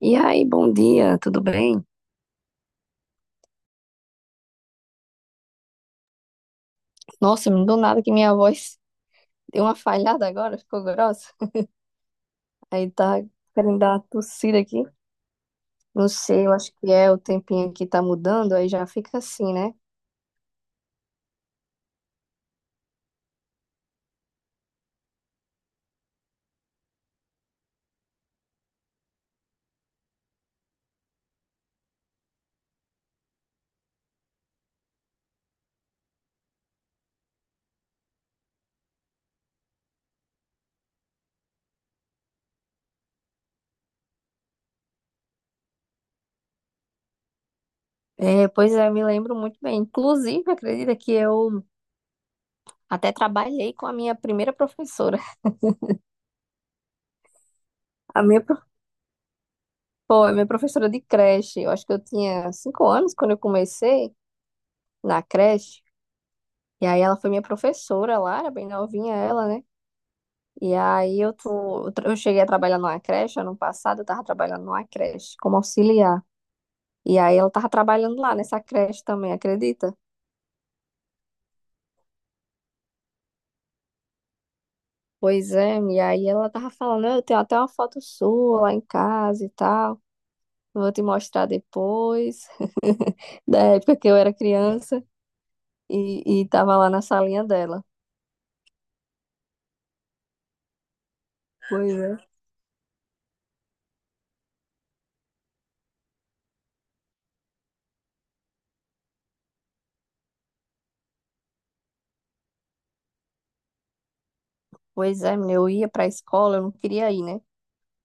E aí, bom dia, tudo bem? Nossa, do nada que minha voz deu uma falhada agora, ficou grossa. Aí tá querendo dar uma tossida aqui. Não sei, eu acho que é o tempinho que tá mudando, aí já fica assim, né? É, pois é, eu me lembro muito bem. Inclusive, acredita que eu até trabalhei com a minha primeira professora. A minha, pô, a minha professora de creche. Eu acho que eu tinha 5 anos quando eu comecei na creche. E aí ela foi minha professora lá, era bem novinha ela, né? E aí eu cheguei a trabalhar numa creche ano passado, eu tava trabalhando numa creche como auxiliar. E aí ela tava trabalhando lá nessa creche também, acredita? Pois é, e aí ela tava falando, eu tenho até uma foto sua lá em casa e tal, vou te mostrar depois, da época que eu era criança e tava lá na salinha dela. Pois é. Pois é, menina, eu ia pra escola, eu não queria ir, né?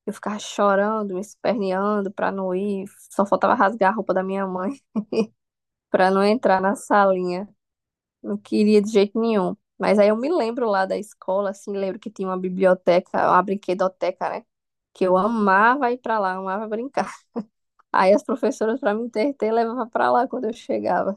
Eu ficava chorando, me esperneando pra não ir, só faltava rasgar a roupa da minha mãe para não entrar na salinha. Não queria de jeito nenhum. Mas aí eu me lembro lá da escola, assim, lembro que tinha uma biblioteca, uma brinquedoteca, né? Que eu amava ir pra lá, amava brincar. Aí as professoras, pra me entreter, levavam pra lá quando eu chegava.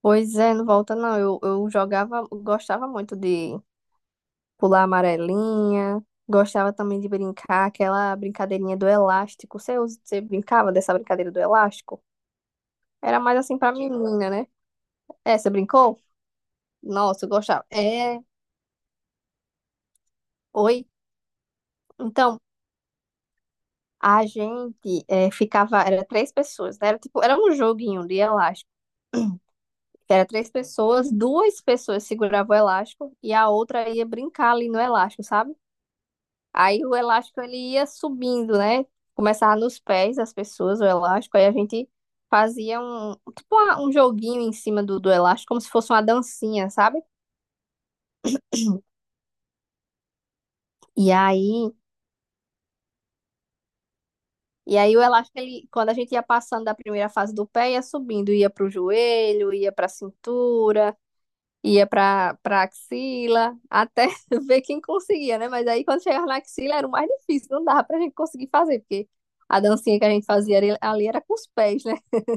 Pois é, não volta não. Eu jogava, gostava muito de pular amarelinha, gostava também de brincar aquela brincadeirinha do elástico. Você, você brincava dessa brincadeira do elástico? Era mais assim pra menina, né? É, você brincou? Nossa, eu gostava. É, oi? Então, a gente ficava, era três pessoas, né? Era tipo, era um joguinho de elástico. Era três pessoas, duas pessoas seguravam o elástico e a outra ia brincar ali no elástico, sabe? Aí o elástico ele ia subindo, né? Começava nos pés das pessoas, o elástico, aí a gente fazia um, tipo um joguinho em cima do, do elástico, como se fosse uma dancinha, sabe? E aí, e aí o elástico, ele, quando a gente ia passando da primeira fase do pé, ia subindo, ia pro joelho, ia pra cintura. Ia pra, pra axila, até ver quem conseguia, né? Mas aí quando chegava na axila era o mais difícil, não dava pra gente conseguir fazer, porque a dancinha que a gente fazia ali, ali era com os pés, né?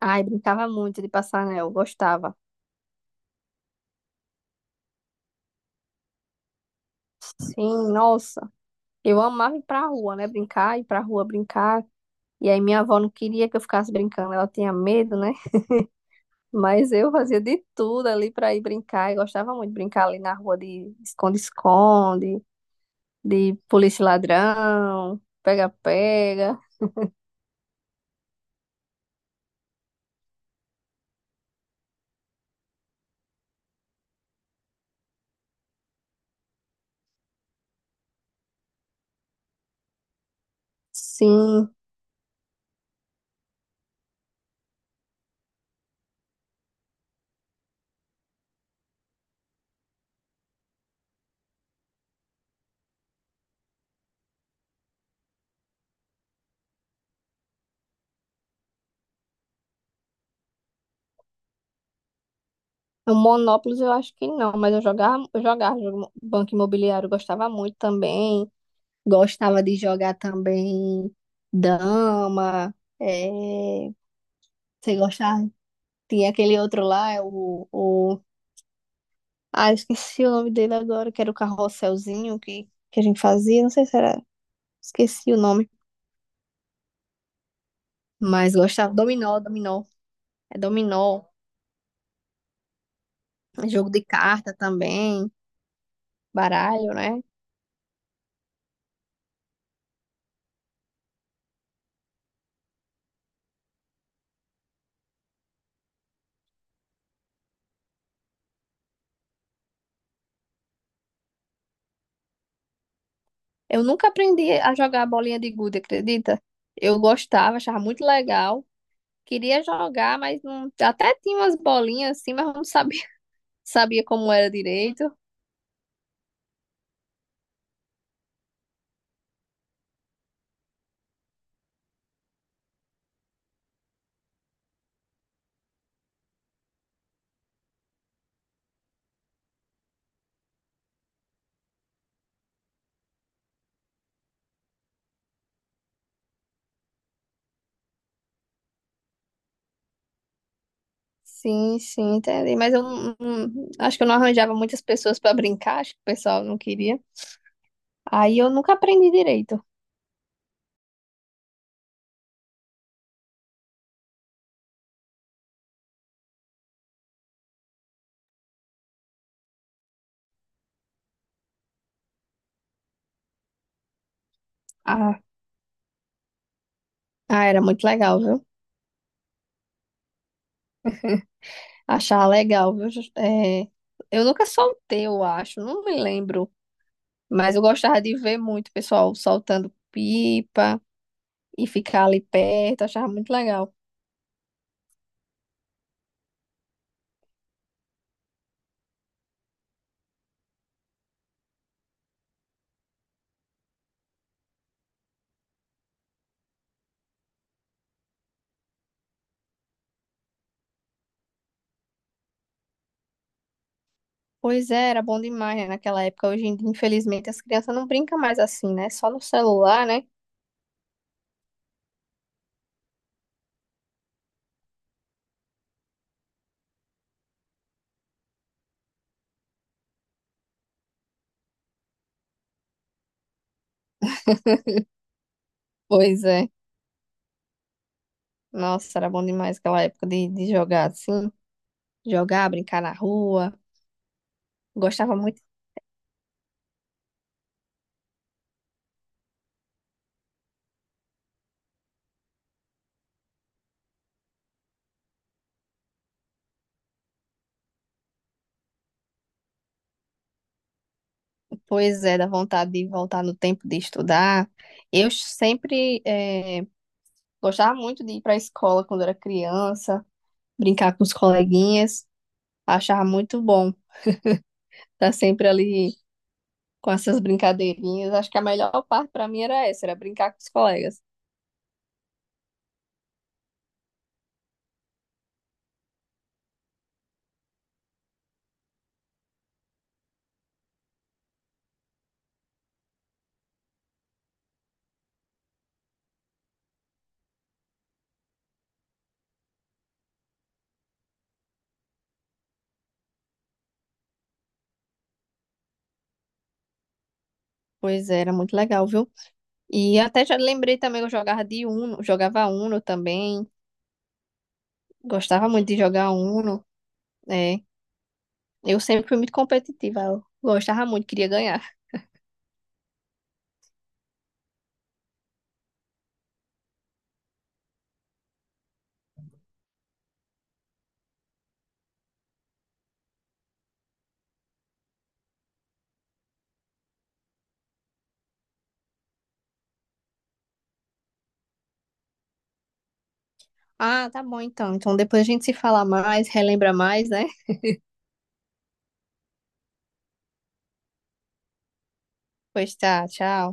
Ai, brincava muito de passar anel, gostava. Sim, nossa. Eu amava ir pra rua, né? Brincar, ir pra rua brincar. E aí minha avó não queria que eu ficasse brincando, ela tinha medo, né? Mas eu fazia de tudo ali pra ir brincar. Eu gostava muito de brincar ali na rua de esconde-esconde, de polícia e ladrão, pega-pega. Sim. O Monópolis eu acho que não, mas eu jogava, Banco Imobiliário, eu gostava muito também. Gostava de jogar também dama. É... Você gostava? Tinha aquele outro lá, é o... Ah, eu esqueci o nome dele agora, que era o carrosselzinho que a gente fazia. Não sei se era... Esqueci o nome. Mas gostava. Dominó, dominó. É dominó. É jogo de carta também, baralho, né? Eu nunca aprendi a jogar bolinha de gude, acredita? Eu gostava, achava muito legal. Queria jogar, mas não... até tinha umas bolinhas assim, mas não sabia, sabia como era direito. Sim, sim, entendi. Mas eu não, não- acho que eu não arranjava muitas pessoas para brincar, acho que o pessoal não queria. Aí eu nunca aprendi direito. Ah, ah, era muito legal, viu? Achava legal, viu? É, eu nunca soltei, eu acho, não me lembro. Mas eu gostava de ver muito o pessoal soltando pipa e ficar ali perto, achava muito legal. Pois é, era bom demais, né, naquela época. Hoje em dia, infelizmente, as crianças não brincam mais assim, né? Só no celular, né? Pois é. Nossa, era bom demais aquela época de jogar assim, jogar, brincar na rua. Gostava muito, pois é, da vontade de voltar no tempo de estudar. Eu sempre gostava muito de ir para a escola quando era criança, brincar com os coleguinhas, achava muito bom. Tá sempre ali com essas brincadeirinhas. Acho que a melhor parte pra mim era essa, era brincar com os colegas. Pois é, era muito legal, viu? E até já lembrei também que eu jogava de Uno, jogava Uno também. Gostava muito de jogar Uno, né? Eu sempre fui muito competitiva, eu gostava muito, queria ganhar. Ah, tá bom então. Então depois a gente se fala mais, relembra mais, né? Pois tá, tchau.